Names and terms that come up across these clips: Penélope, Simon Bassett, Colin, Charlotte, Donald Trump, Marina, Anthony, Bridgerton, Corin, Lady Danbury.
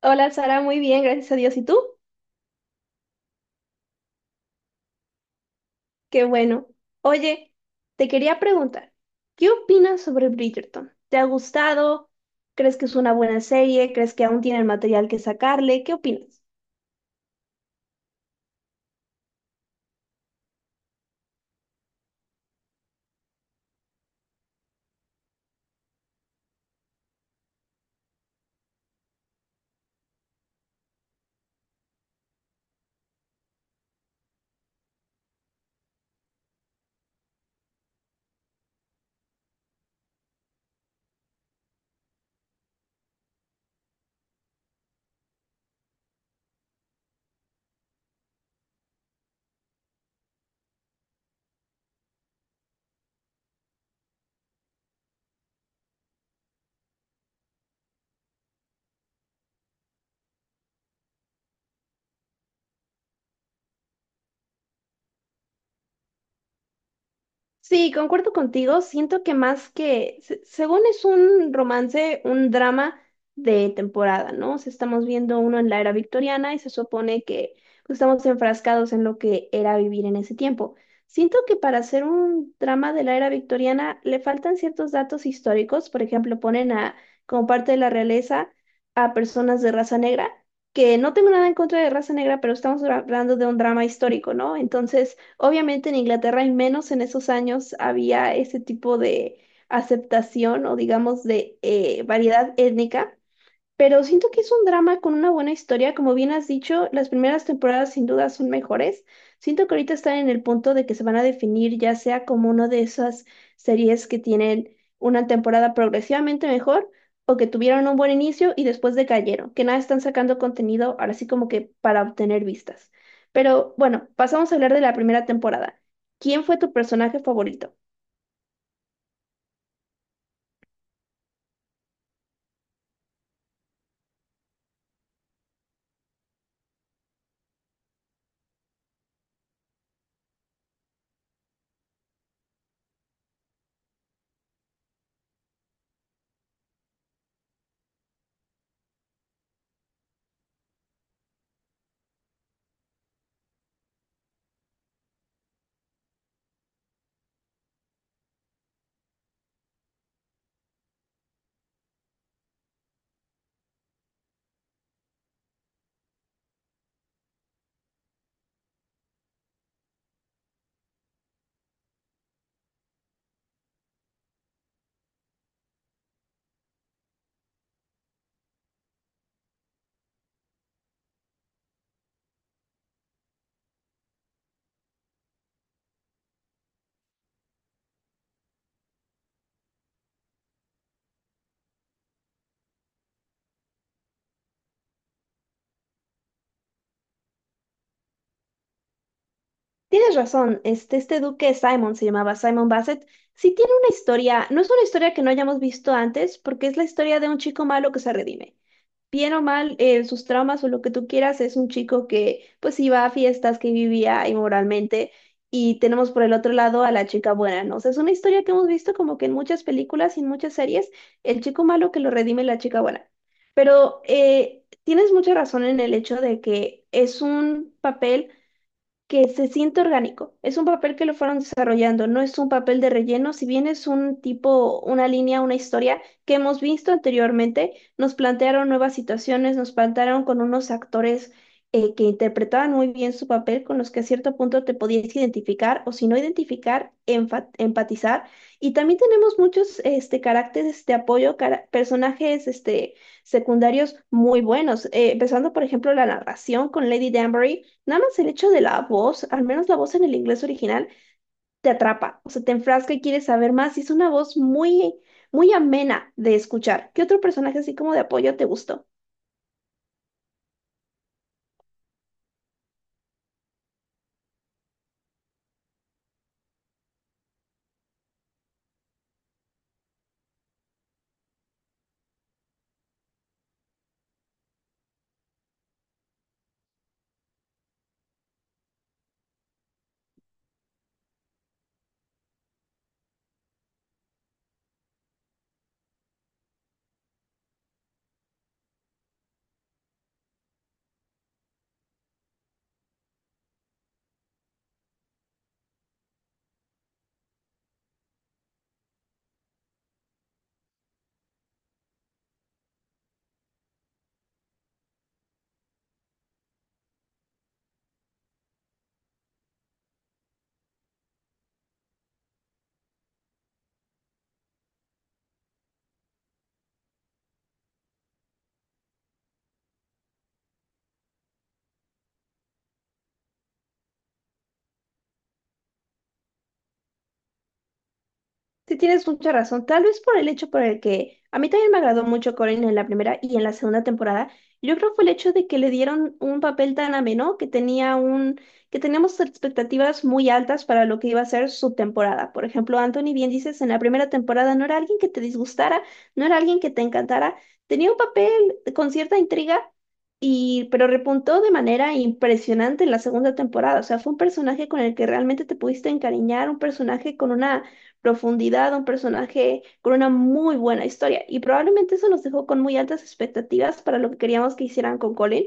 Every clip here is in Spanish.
Hola Sara, muy bien, gracias a Dios. ¿Y tú? Qué bueno. Oye, te quería preguntar, ¿qué opinas sobre Bridgerton? ¿Te ha gustado? ¿Crees que es una buena serie? ¿Crees que aún tiene el material que sacarle? ¿Qué opinas? Sí, concuerdo contigo. Siento que más que, según es un romance, un drama de temporada, ¿no? O sea, estamos viendo uno en la era victoriana y se supone que pues, estamos enfrascados en lo que era vivir en ese tiempo. Siento que para hacer un drama de la era victoriana le faltan ciertos datos históricos. Por ejemplo, ponen a, como parte de la realeza a personas de raza negra, que no tengo nada en contra de raza negra, pero estamos hablando de un drama histórico, ¿no? Entonces... Obviamente en Inglaterra, al menos en esos años, había ese tipo de aceptación o digamos de variedad étnica, pero siento que es un drama con una buena historia, como bien has dicho, las primeras temporadas sin duda son mejores. Siento que ahorita están en el punto de que se van a definir ya sea como una de esas series que tienen una temporada progresivamente mejor o que tuvieron un buen inicio y después decayeron, que nada están sacando contenido ahora sí como que para obtener vistas. Pero bueno, pasamos a hablar de la primera temporada. ¿Quién fue tu personaje favorito? Tienes razón, este duque Simon se llamaba Simon Bassett. Sí tiene una historia, no es una historia que no hayamos visto antes, porque es la historia de un chico malo que se redime. Bien o mal, sus traumas o lo que tú quieras, es un chico que pues iba a fiestas, que vivía inmoralmente, y tenemos por el otro lado a la chica buena, ¿no? O sea, es una historia que hemos visto como que en muchas películas y en muchas series, el chico malo que lo redime la chica buena. Pero tienes mucha razón en el hecho de que es un papel que se siente orgánico. Es un papel que lo fueron desarrollando, no es un papel de relleno, si bien es un tipo, una línea, una historia que hemos visto anteriormente, nos plantearon nuevas situaciones, nos plantearon con unos actores que interpretaban muy bien su papel, con los que a cierto punto te podías identificar o si no identificar, empatizar. Y también tenemos muchos caracteres de apoyo, personajes secundarios muy buenos, empezando por ejemplo la narración con Lady Danbury. Nada más el hecho de la voz, al menos la voz en el inglés original, te atrapa, o sea, te enfrasca y quieres saber más. Y es una voz muy, muy amena de escuchar. ¿Qué otro personaje así como de apoyo te gustó? Sí, tienes mucha razón. Tal vez por el hecho por el que a mí también me agradó mucho Corin en la primera y en la segunda temporada. Yo creo que fue el hecho de que le dieron un papel tan ameno que tenía un, que teníamos expectativas muy altas para lo que iba a ser su temporada. Por ejemplo, Anthony, bien dices, en la primera temporada no era alguien que te disgustara, no era alguien que te encantara. Tenía un papel con cierta intriga. Y, pero repuntó de manera impresionante en la segunda temporada. O sea, fue un personaje con el que realmente te pudiste encariñar, un personaje con una profundidad, un personaje con una muy buena historia. Y probablemente eso nos dejó con muy altas expectativas para lo que queríamos que hicieran con Colin.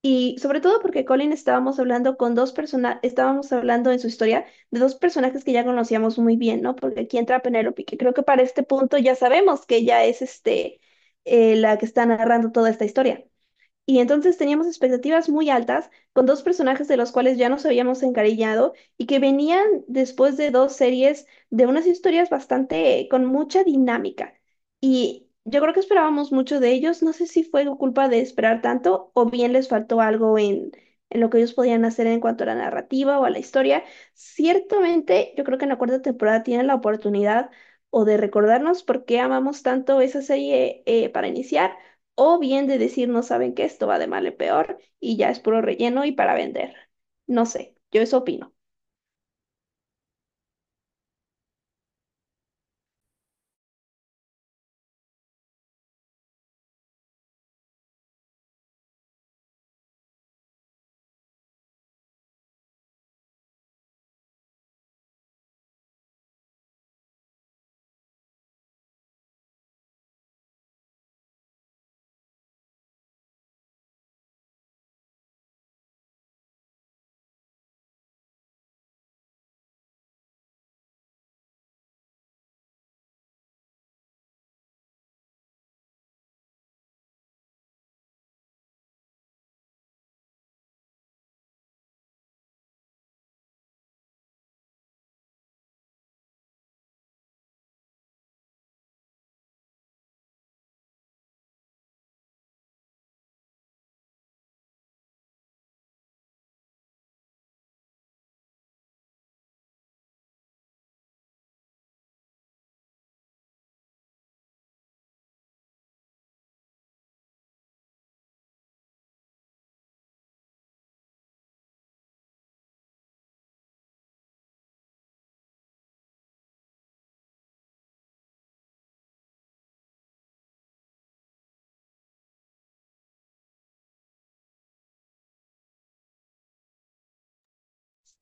Y sobre todo porque Colin estábamos hablando con dos personas, estábamos hablando en su historia de dos personajes que ya conocíamos muy bien, ¿no? Porque aquí entra Penélope, que creo que para este punto ya sabemos que ella es la que está narrando toda esta historia. Y entonces teníamos expectativas muy altas con dos personajes de los cuales ya nos habíamos encariñado y que venían después de dos series de unas historias bastante con mucha dinámica. Y yo creo que esperábamos mucho de ellos. No sé si fue culpa de esperar tanto o bien les faltó algo en, lo que ellos podían hacer en cuanto a la narrativa o a la historia. Ciertamente, yo creo que en la cuarta temporada tienen la oportunidad o de recordarnos por qué amamos tanto esa serie para iniciar o bien de decir, no saben que esto va de mal en peor y ya es puro relleno y para vender. No sé, yo eso opino.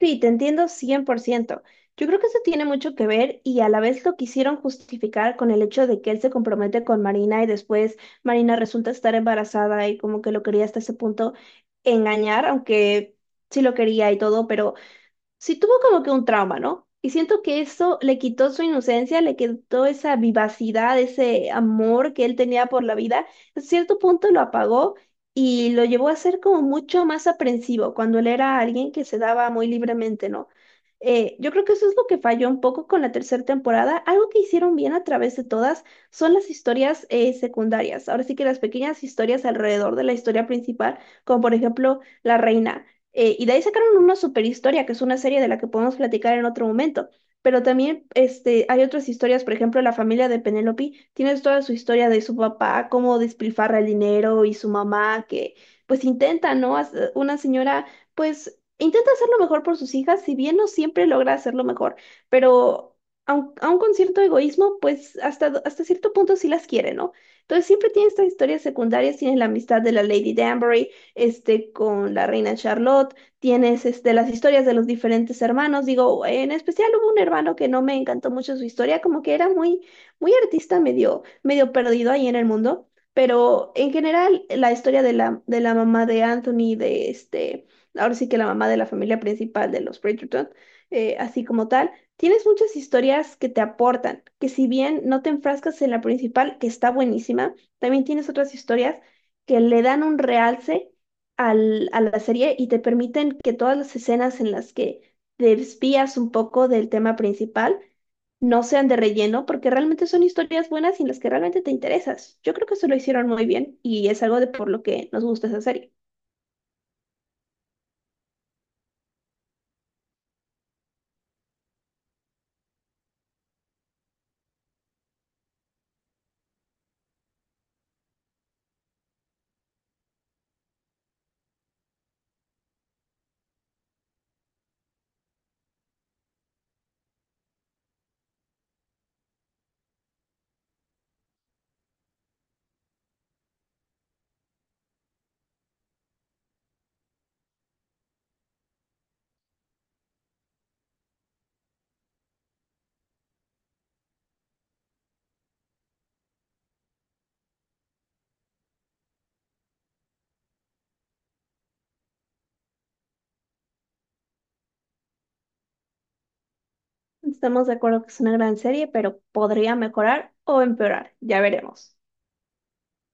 Sí, te entiendo 100%. Yo creo que eso tiene mucho que ver y a la vez lo quisieron justificar con el hecho de que él se compromete con Marina y después Marina resulta estar embarazada y como que lo quería hasta ese punto engañar, aunque sí lo quería y todo, pero sí tuvo como que un trauma, ¿no? Y siento que eso le quitó su inocencia, le quitó esa vivacidad, ese amor que él tenía por la vida. A cierto punto lo apagó y lo llevó a ser como mucho más aprensivo cuando él era alguien que se daba muy libremente, ¿no? Yo creo que eso es lo que falló un poco con la tercera temporada. Algo que hicieron bien a través de todas son las historias secundarias. Ahora sí que las pequeñas historias alrededor de la historia principal, como por ejemplo La Reina. Y de ahí sacaron una super historia, que es una serie de la que podemos platicar en otro momento. Pero también hay otras historias, por ejemplo, la familia de Penélope tiene toda su historia de su papá, cómo despilfarra el dinero y su mamá, que pues intenta, ¿no? Una señora, pues intenta hacer lo mejor por sus hijas, si bien no siempre logra hacerlo mejor, pero aun con cierto egoísmo, pues hasta, hasta cierto punto sí las quiere, ¿no? Entonces siempre tiene estas historias secundarias, tiene la amistad de la Lady Danbury con la reina Charlotte, tienes las historias de los diferentes hermanos, digo, en especial hubo un hermano que no me encantó mucho su historia, como que era muy, muy artista, medio, medio perdido ahí en el mundo, pero en general la historia de de la mamá de Anthony, de ahora sí que la mamá de la familia principal de los Bridgerton, así como tal, tienes muchas historias que te aportan, que si bien no te enfrascas en la principal, que está buenísima, también tienes otras historias que le dan un realce a la serie y te permiten que todas las escenas en las que te desvías un poco del tema principal no sean de relleno, porque realmente son historias buenas y en las que realmente te interesas. Yo creo que eso lo hicieron muy bien y es algo de por lo que nos gusta esa serie. Estamos de acuerdo que es una gran serie, pero podría mejorar o empeorar, ya veremos.